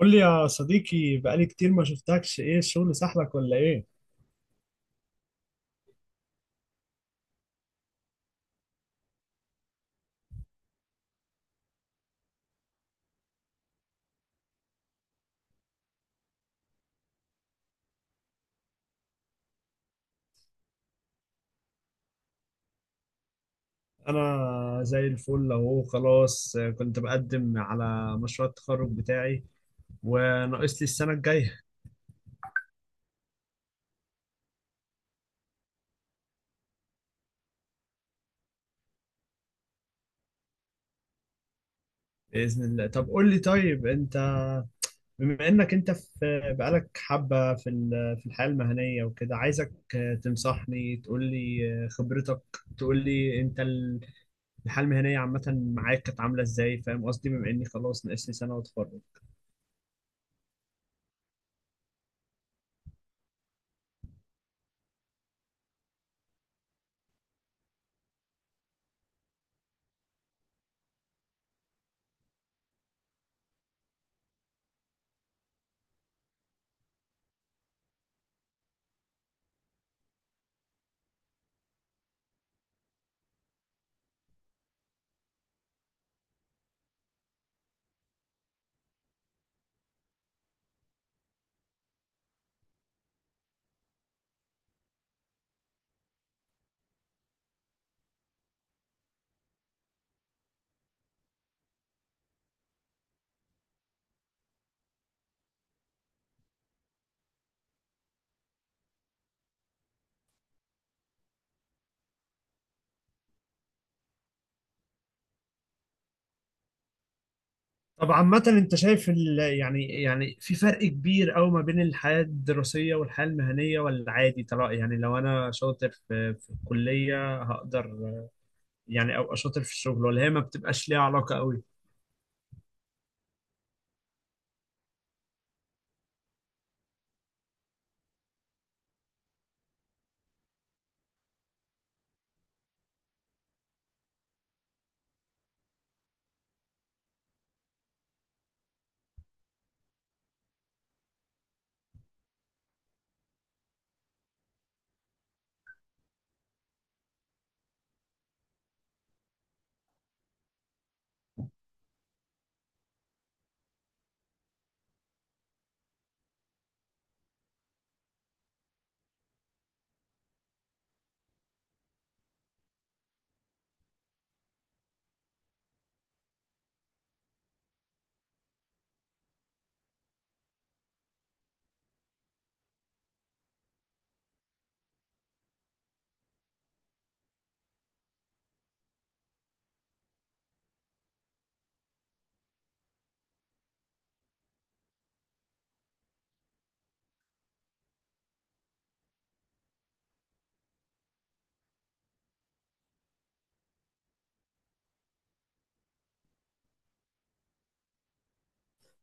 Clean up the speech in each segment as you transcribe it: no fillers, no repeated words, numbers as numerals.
قول لي يا صديقي، بقالي كتير ما شفتكش، ايه الشغل سحلك ولا ايه؟ انا زي الفل اهو. خلاص كنت بقدم على مشروع التخرج بتاعي وناقص لي السنة الجاية. بإذن الله. طب قول لي، طيب انت بما انك انت بقالك حبة في الحياة المهنية وكده، عايزك تنصحني، تقول لي خبرتك، تقول لي انت الحياة المهنية عامة معاك كانت عاملة ازاي؟ فاهم قصدي؟ بما اني خلاص ناقص لي سنة واتخرج. طب عامة انت شايف يعني، في فرق كبير قوي ما بين الحياة الدراسية والحياة المهنية ولا عادي؟ ترى يعني لو انا شاطر في الكلية هقدر يعني ابقى شاطر في الشغل، ولا هي ما بتبقاش ليها علاقة قوي؟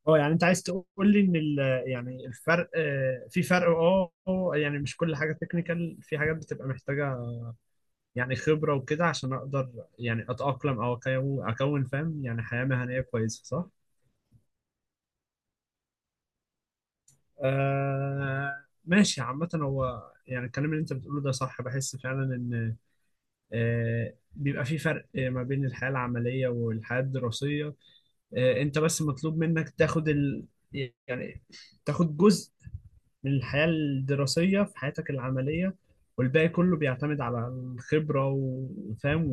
اه، يعني انت عايز تقول لي ان يعني الفرق في فرق، اه، يعني مش كل حاجة تكنيكال، في حاجات بتبقى محتاجة يعني خبرة وكده عشان اقدر يعني اتأقلم او اكون فاهم يعني حياة مهنية كويسة، صح؟ آه ماشي. عامة هو يعني الكلام اللي انت بتقوله ده صح، بحس فعلا ان، آه، بيبقى في فرق ما بين الحياة العملية والحياة الدراسية. آه، انت بس مطلوب منك تاخد يعني تاخد جزء من الحياة الدراسية في حياتك العملية، والباقي كله بيعتمد على الخبرة وفاهم،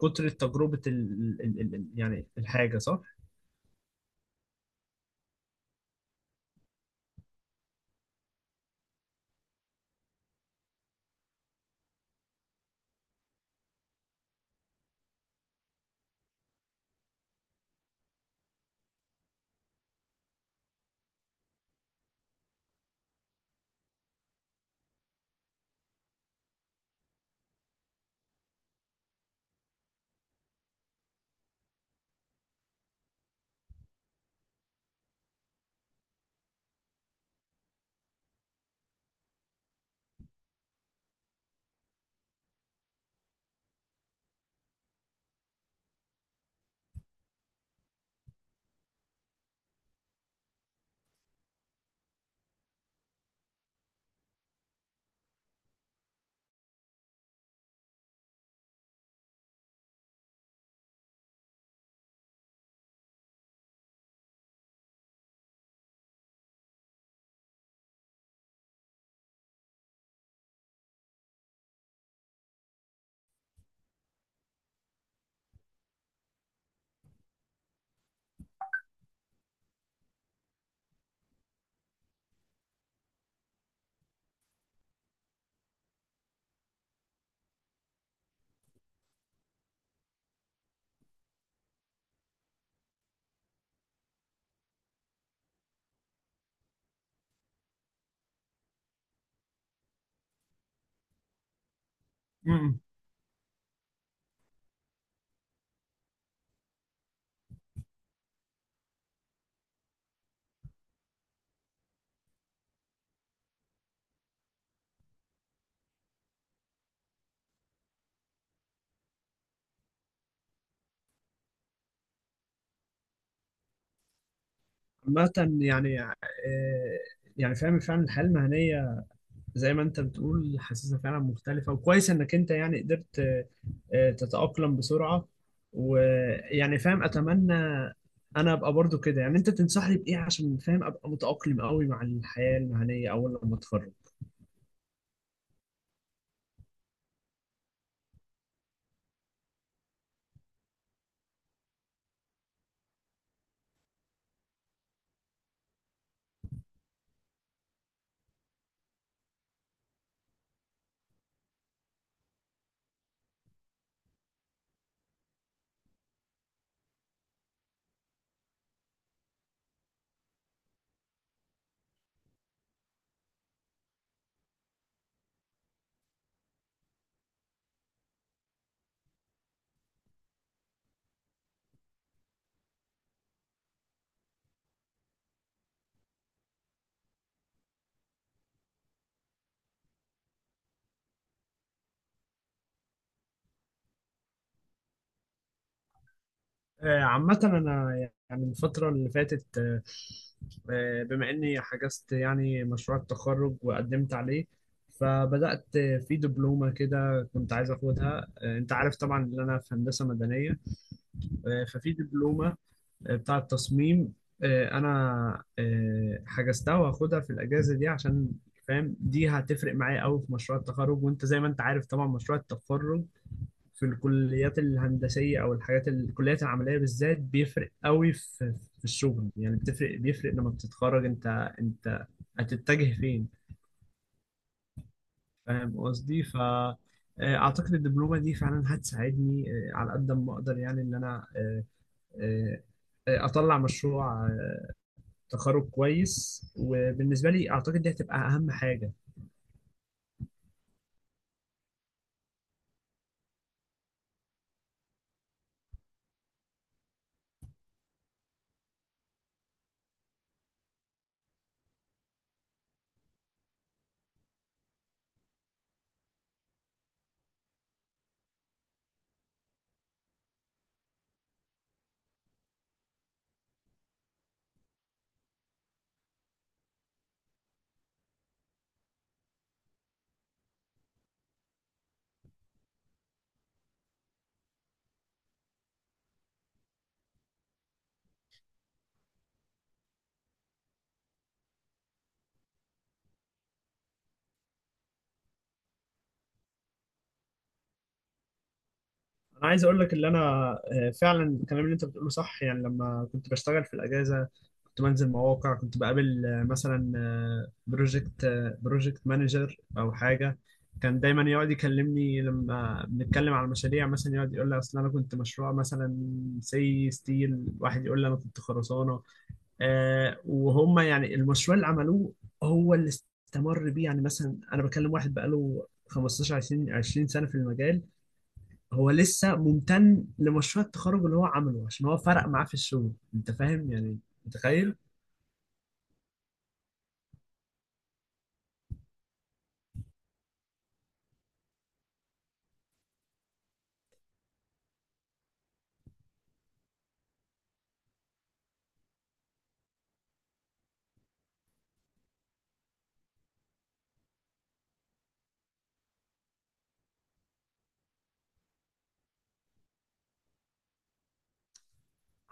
وكتر تجربة يعني الحاجة، صح؟ امم. عامة يعني، يعني فاهم فعلا الحياة المهنية زي ما انت بتقول، حاسسها فعلا مختلفة، وكويس انك انت يعني قدرت، تتأقلم بسرعة. ويعني فاهم، اتمنى انا ابقى برضو كده. يعني انت تنصحني بايه عشان فاهم ابقى متأقلم قوي مع الحياة المهنية اول لما اتخرج؟ عامة انا يعني الفترة اللي فاتت، بما اني حجزت يعني مشروع التخرج وقدمت عليه، فبدأت في دبلومة كده كنت عايز اخدها. انت عارف طبعا ان انا في هندسة مدنية. ففي دبلومة بتاع التصميم، انا حجزتها وهاخدها في الاجازه دي، عشان فاهم دي هتفرق معايا قوي في مشروع التخرج. وانت زي ما انت عارف طبعا مشروع التخرج في الكليات الهندسيه او الكليات العمليه بالذات بيفرق قوي في الشغل يعني، بتفرق، بيفرق لما بتتخرج انت انت هتتجه فين. فاهم قصدي؟ ف، اعتقد الدبلومه دي فعلا هتساعدني، على قد ما اقدر يعني ان انا، آه، اطلع مشروع تخرج كويس. وبالنسبه لي اعتقد دي هتبقى اهم حاجه. انا عايز اقول لك ان انا، فعلا الكلام اللي انت بتقوله صح. يعني لما كنت بشتغل في الاجازه كنت بنزل مواقع، كنت بقابل مثلا بروجكت بروجكت مانجر او حاجه، كان دايما يقعد يكلمني. لما بنتكلم على المشاريع مثلا يقعد يقول لي اصل انا كنت مشروع مثلا سي ستيل، واحد يقول لي انا كنت خرسانه. وهم يعني المشروع اللي عملوه هو اللي استمر بيه. يعني مثلا انا بكلم واحد بقاله 15 20 20 سنه في المجال، هو لسه ممتن لمشروع التخرج اللي هو عمله عشان هو فرق معاه في الشغل. انت فاهم يعني؟ متخيل؟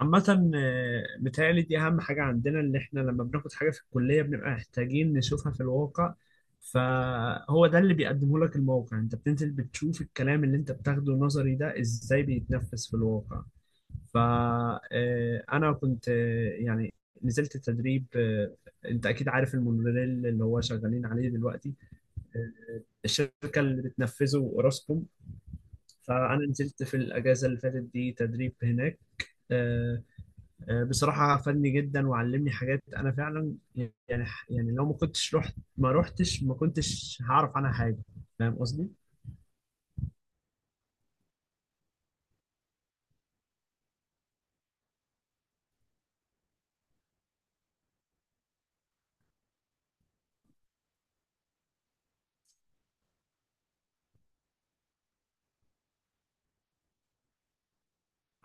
عامة، متهيألي دي أهم حاجة عندنا، إن إحنا لما بناخد حاجة في الكلية بنبقى محتاجين نشوفها في الواقع. فهو ده اللي بيقدمه لك الموقع، يعني أنت بتنزل بتشوف الكلام اللي أنت بتاخده نظري ده إزاي بيتنفذ في الواقع. فأنا كنت، يعني نزلت تدريب. أنت أكيد عارف المونوريل اللي هو شغالين عليه دلوقتي، الشركة اللي بتنفذه أوراسكوم. فأنا نزلت في الأجازة اللي فاتت دي تدريب هناك. آه، بصراحة فادني جدا وعلمني حاجات، أنا فعلا يعني، يعني لو ما رحتش ما كنتش هعرف عنها حاجة. فاهم قصدي؟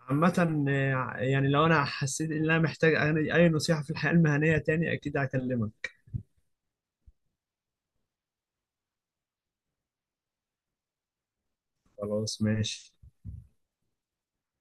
عامة، يعني لو أنا حسيت إن أنا محتاج أي نصيحة في الحياة المهنية تاني، أكيد هكلمك. خلاص، ماشي.